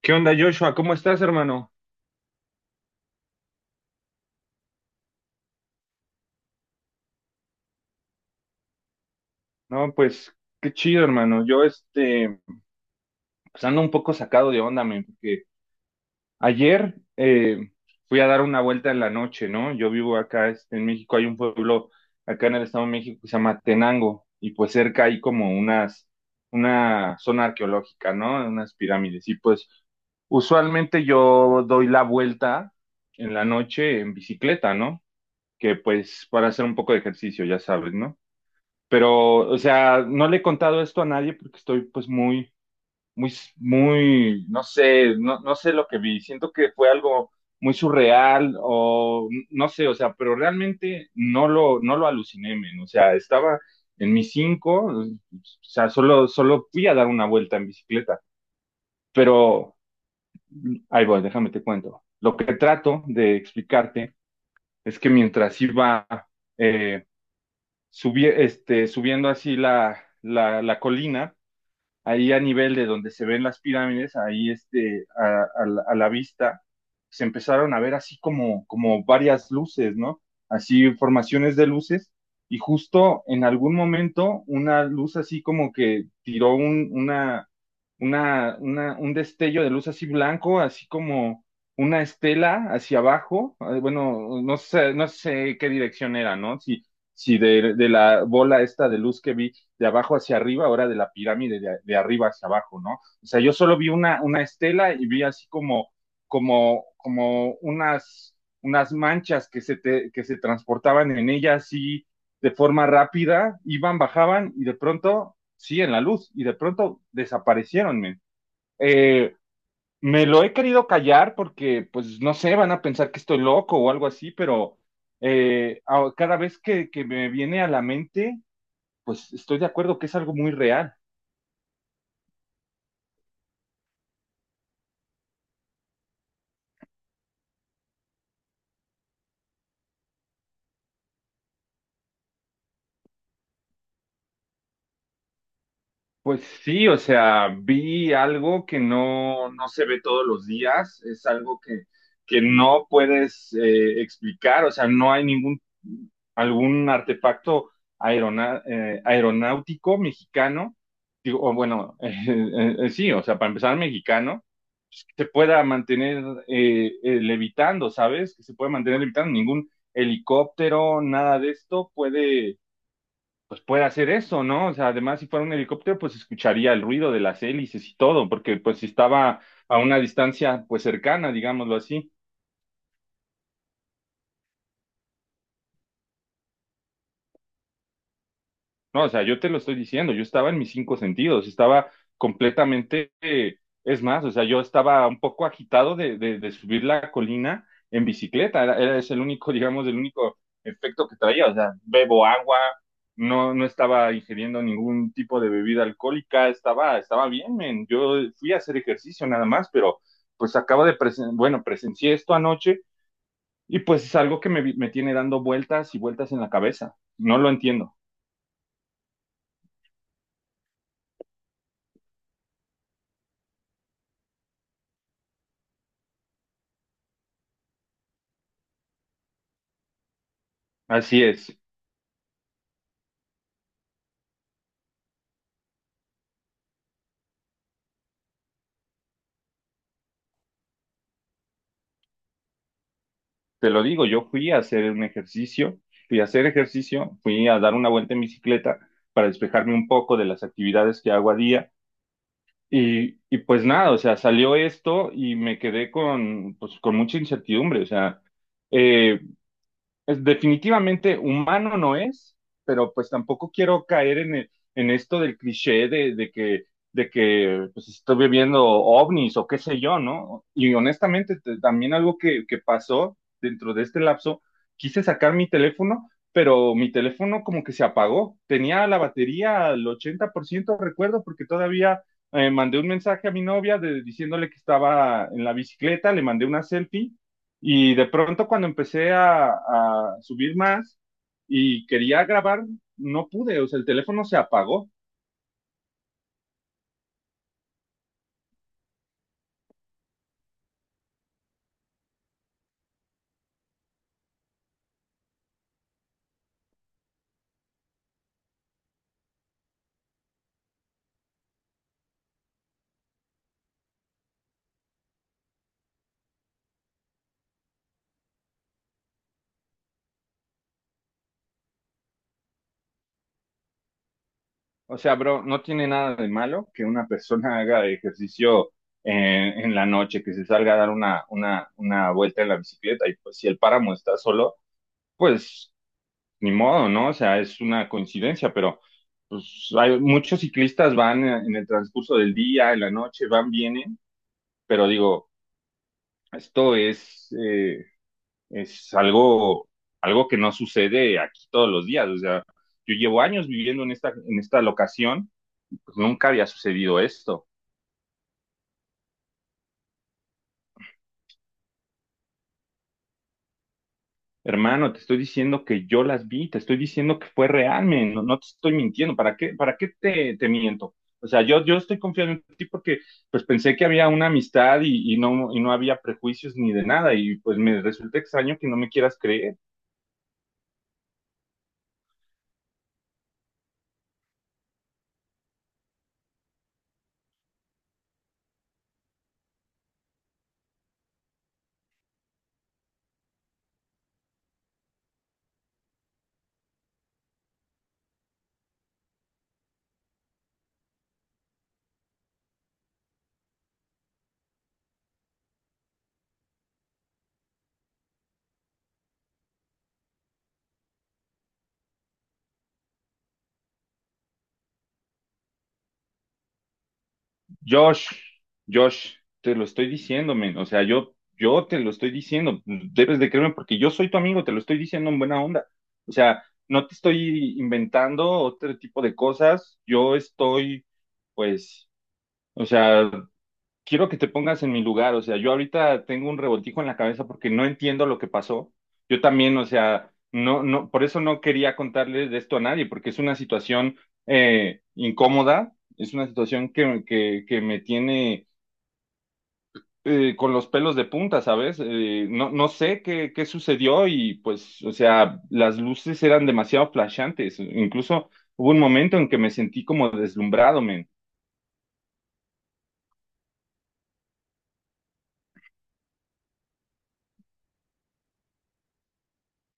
¿Qué onda, Joshua? ¿Cómo estás, hermano? No, pues qué chido, hermano. Yo, pues ando un poco sacado de onda, men, porque ayer fui a dar una vuelta en la noche, ¿no? Yo vivo acá, este, en México, hay un pueblo acá en el Estado de México que se llama Tenango, y pues cerca hay una zona arqueológica, ¿no? Unas pirámides, y pues usualmente yo doy la vuelta en la noche en bicicleta, ¿no? Que pues para hacer un poco de ejercicio, ya sabes, ¿no? Pero, o sea, no le he contado esto a nadie porque estoy pues muy, muy, muy, no sé, no sé lo que vi. Siento que fue algo muy surreal o no sé, o sea, pero realmente no lo aluciné, men. O sea, estaba en mis cinco, o sea, solo fui a dar una vuelta en bicicleta. Pero, ahí voy, déjame te cuento. Lo que trato de explicarte es que mientras iba eh, subiendo así la colina, ahí a nivel de donde se ven las pirámides, ahí este, a la vista, se empezaron a ver así como varias luces, ¿no? Así formaciones de luces, y justo en algún momento una luz así como que tiró un, una- un destello de luz así blanco, así como una estela hacia abajo, bueno, no sé, no sé qué dirección era, ¿no? Si, si de la bola esta de luz que vi de abajo hacia arriba, ahora de la pirámide de arriba hacia abajo, ¿no? O sea, yo solo vi una estela y vi así como unas, unas manchas que que se transportaban en ella así de forma rápida, iban, bajaban y de pronto, sí, en la luz, y de pronto desaparecieron, men. Eh, Me lo he querido callar porque, pues, no sé, van a pensar que estoy loco o algo así, pero cada vez que me viene a la mente, pues estoy de acuerdo que es algo muy real. Pues sí, o sea, vi algo que no, no se ve todos los días, es algo que no puedes explicar, o sea, no hay ningún, algún artefacto aeronáutico mexicano, digo, o bueno, sí, o sea, para empezar, mexicano, pues, que se pueda mantener levitando, ¿sabes? Que se pueda mantener levitando, ningún helicóptero, nada de esto puede pues puede hacer eso, ¿no? O sea, además, si fuera un helicóptero, pues escucharía el ruido de las hélices y todo, porque pues si estaba a una distancia, pues cercana, digámoslo así. No, o sea, yo te lo estoy diciendo, yo estaba en mis cinco sentidos, estaba completamente, es más, o sea, yo estaba un poco agitado de subir la colina en bicicleta, es el único, digamos, el único efecto que traía, o sea, bebo agua, no estaba ingiriendo ningún tipo de bebida alcohólica, estaba bien, men. Yo fui a hacer ejercicio nada más, pero pues bueno, presencié esto anoche y pues es algo que me tiene dando vueltas y vueltas en la cabeza, no lo entiendo, así es. Te lo digo, yo fui a hacer un ejercicio, fui a hacer ejercicio, fui a dar una vuelta en bicicleta para despejarme un poco de las actividades que hago a día y pues nada, o sea, salió esto y me quedé con, pues, con mucha incertidumbre, o sea, eh, es definitivamente humano no es, pero pues tampoco quiero caer en esto del cliché de que pues, estoy viendo ovnis o qué sé yo, ¿no? Y honestamente también algo que pasó dentro de este lapso, quise sacar mi teléfono, pero mi teléfono como que se apagó. Tenía la batería al 80% recuerdo, porque todavía... mandé un mensaje a mi novia diciéndole que estaba en la bicicleta, le mandé una selfie y de pronto cuando empecé a subir más y quería grabar, no pude, o sea, el teléfono se apagó. O sea, bro, no tiene nada de malo que una persona haga ejercicio en la noche, que se salga a dar una vuelta en la bicicleta y pues si el páramo está solo, pues ni modo, ¿no? O sea, es una coincidencia, pero pues hay muchos ciclistas van en el transcurso del día, en la noche, van, vienen, pero digo... Esto es algo, algo que no sucede aquí todos los días. O sea, yo llevo años viviendo en esta locación, pues nunca había sucedido esto. Hermano, te estoy diciendo que yo las vi, te estoy diciendo que fue real, men, no te estoy mintiendo. Para qué te miento? O sea, yo estoy confiando en ti porque pues pensé que había una amistad y no había prejuicios ni de nada y pues me resulta extraño que no me quieras creer. Josh, Josh, te lo estoy diciendo, men. O sea, yo te lo estoy diciendo. Debes de creerme porque yo soy tu amigo, te lo estoy diciendo en buena onda. O sea, no te estoy inventando otro tipo de cosas. Yo estoy, pues, o sea, quiero que te pongas en mi lugar, o sea, yo ahorita tengo un revoltijo en la cabeza porque no entiendo lo que pasó. Yo también, o sea, por eso no quería contarles de esto a nadie, porque es una situación incómoda, es una situación que me tiene con los pelos de punta, ¿sabes? No sé qué sucedió y pues, o sea, las luces eran demasiado flashantes, incluso hubo un momento en que me sentí como deslumbrado, men.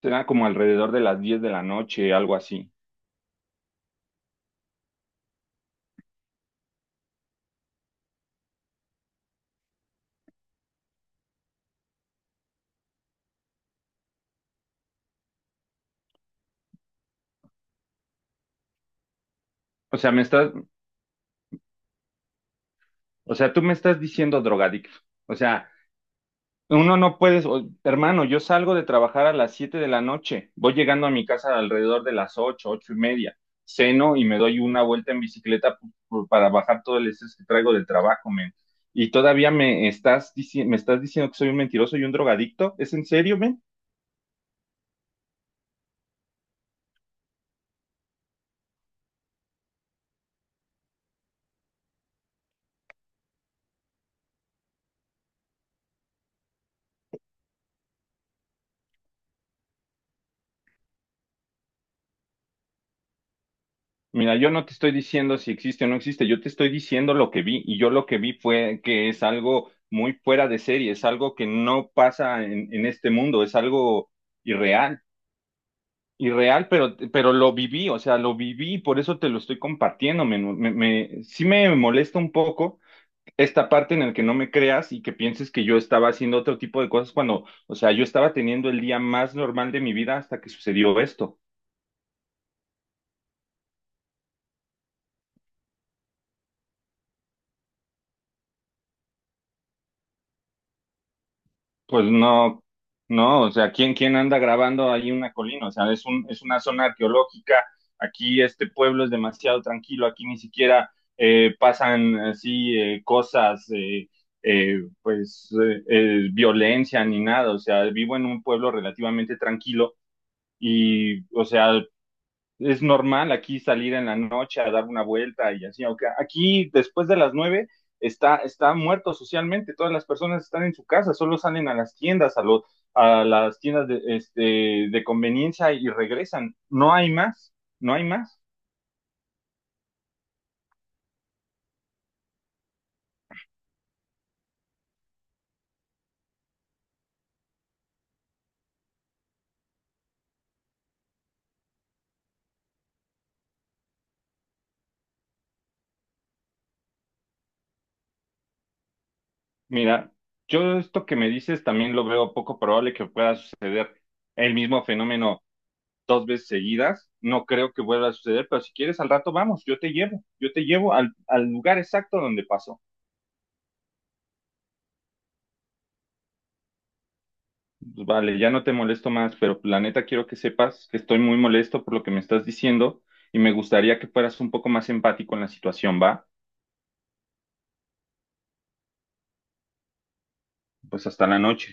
Era como alrededor de las 10 de la noche, algo así. O sea, me estás, O sea, tú me estás diciendo drogadicto. O sea, uno no puedes, o- hermano, yo salgo de trabajar a las 7 de la noche, voy llegando a mi casa alrededor de las 8, 8:30, ceno y me doy una vuelta en bicicleta para bajar todo el estrés que traigo del trabajo, men. Y todavía me estás diciendo que soy un mentiroso y un drogadicto. ¿Es en serio, men? Mira, yo no te estoy diciendo si existe o no existe, yo te estoy diciendo lo que vi y yo lo que vi fue que es algo muy fuera de serie, es algo que no pasa en este mundo, es algo irreal, irreal, pero lo viví, o sea, lo viví, por eso te lo estoy compartiendo, sí me molesta un poco esta parte en la que no me creas y que pienses que yo estaba haciendo otro tipo de cosas cuando, o sea, yo estaba teniendo el día más normal de mi vida hasta que sucedió esto. Pues no, no, o sea, quién anda grabando ahí una colina? O sea, es una zona arqueológica, aquí este pueblo es demasiado tranquilo, aquí ni siquiera pasan así cosas, pues violencia ni nada, o sea, vivo en un pueblo relativamente tranquilo o sea, es normal aquí salir en la noche a dar una vuelta y así, aunque aquí después de las 9 está, está muerto socialmente, todas las personas están en su casa, solo salen a las tiendas, a las tiendas de conveniencia y regresan, no hay más, no hay más. Mira, yo esto que me dices también lo veo poco probable que pueda suceder el mismo fenómeno dos veces seguidas, no creo que vuelva a suceder, pero si quieres al rato vamos, yo te llevo al lugar exacto donde pasó. Pues vale, ya no te molesto más, pero la neta quiero que sepas que estoy muy molesto por lo que me estás diciendo y me gustaría que fueras un poco más empático en la situación, ¿va? Pues hasta la noche.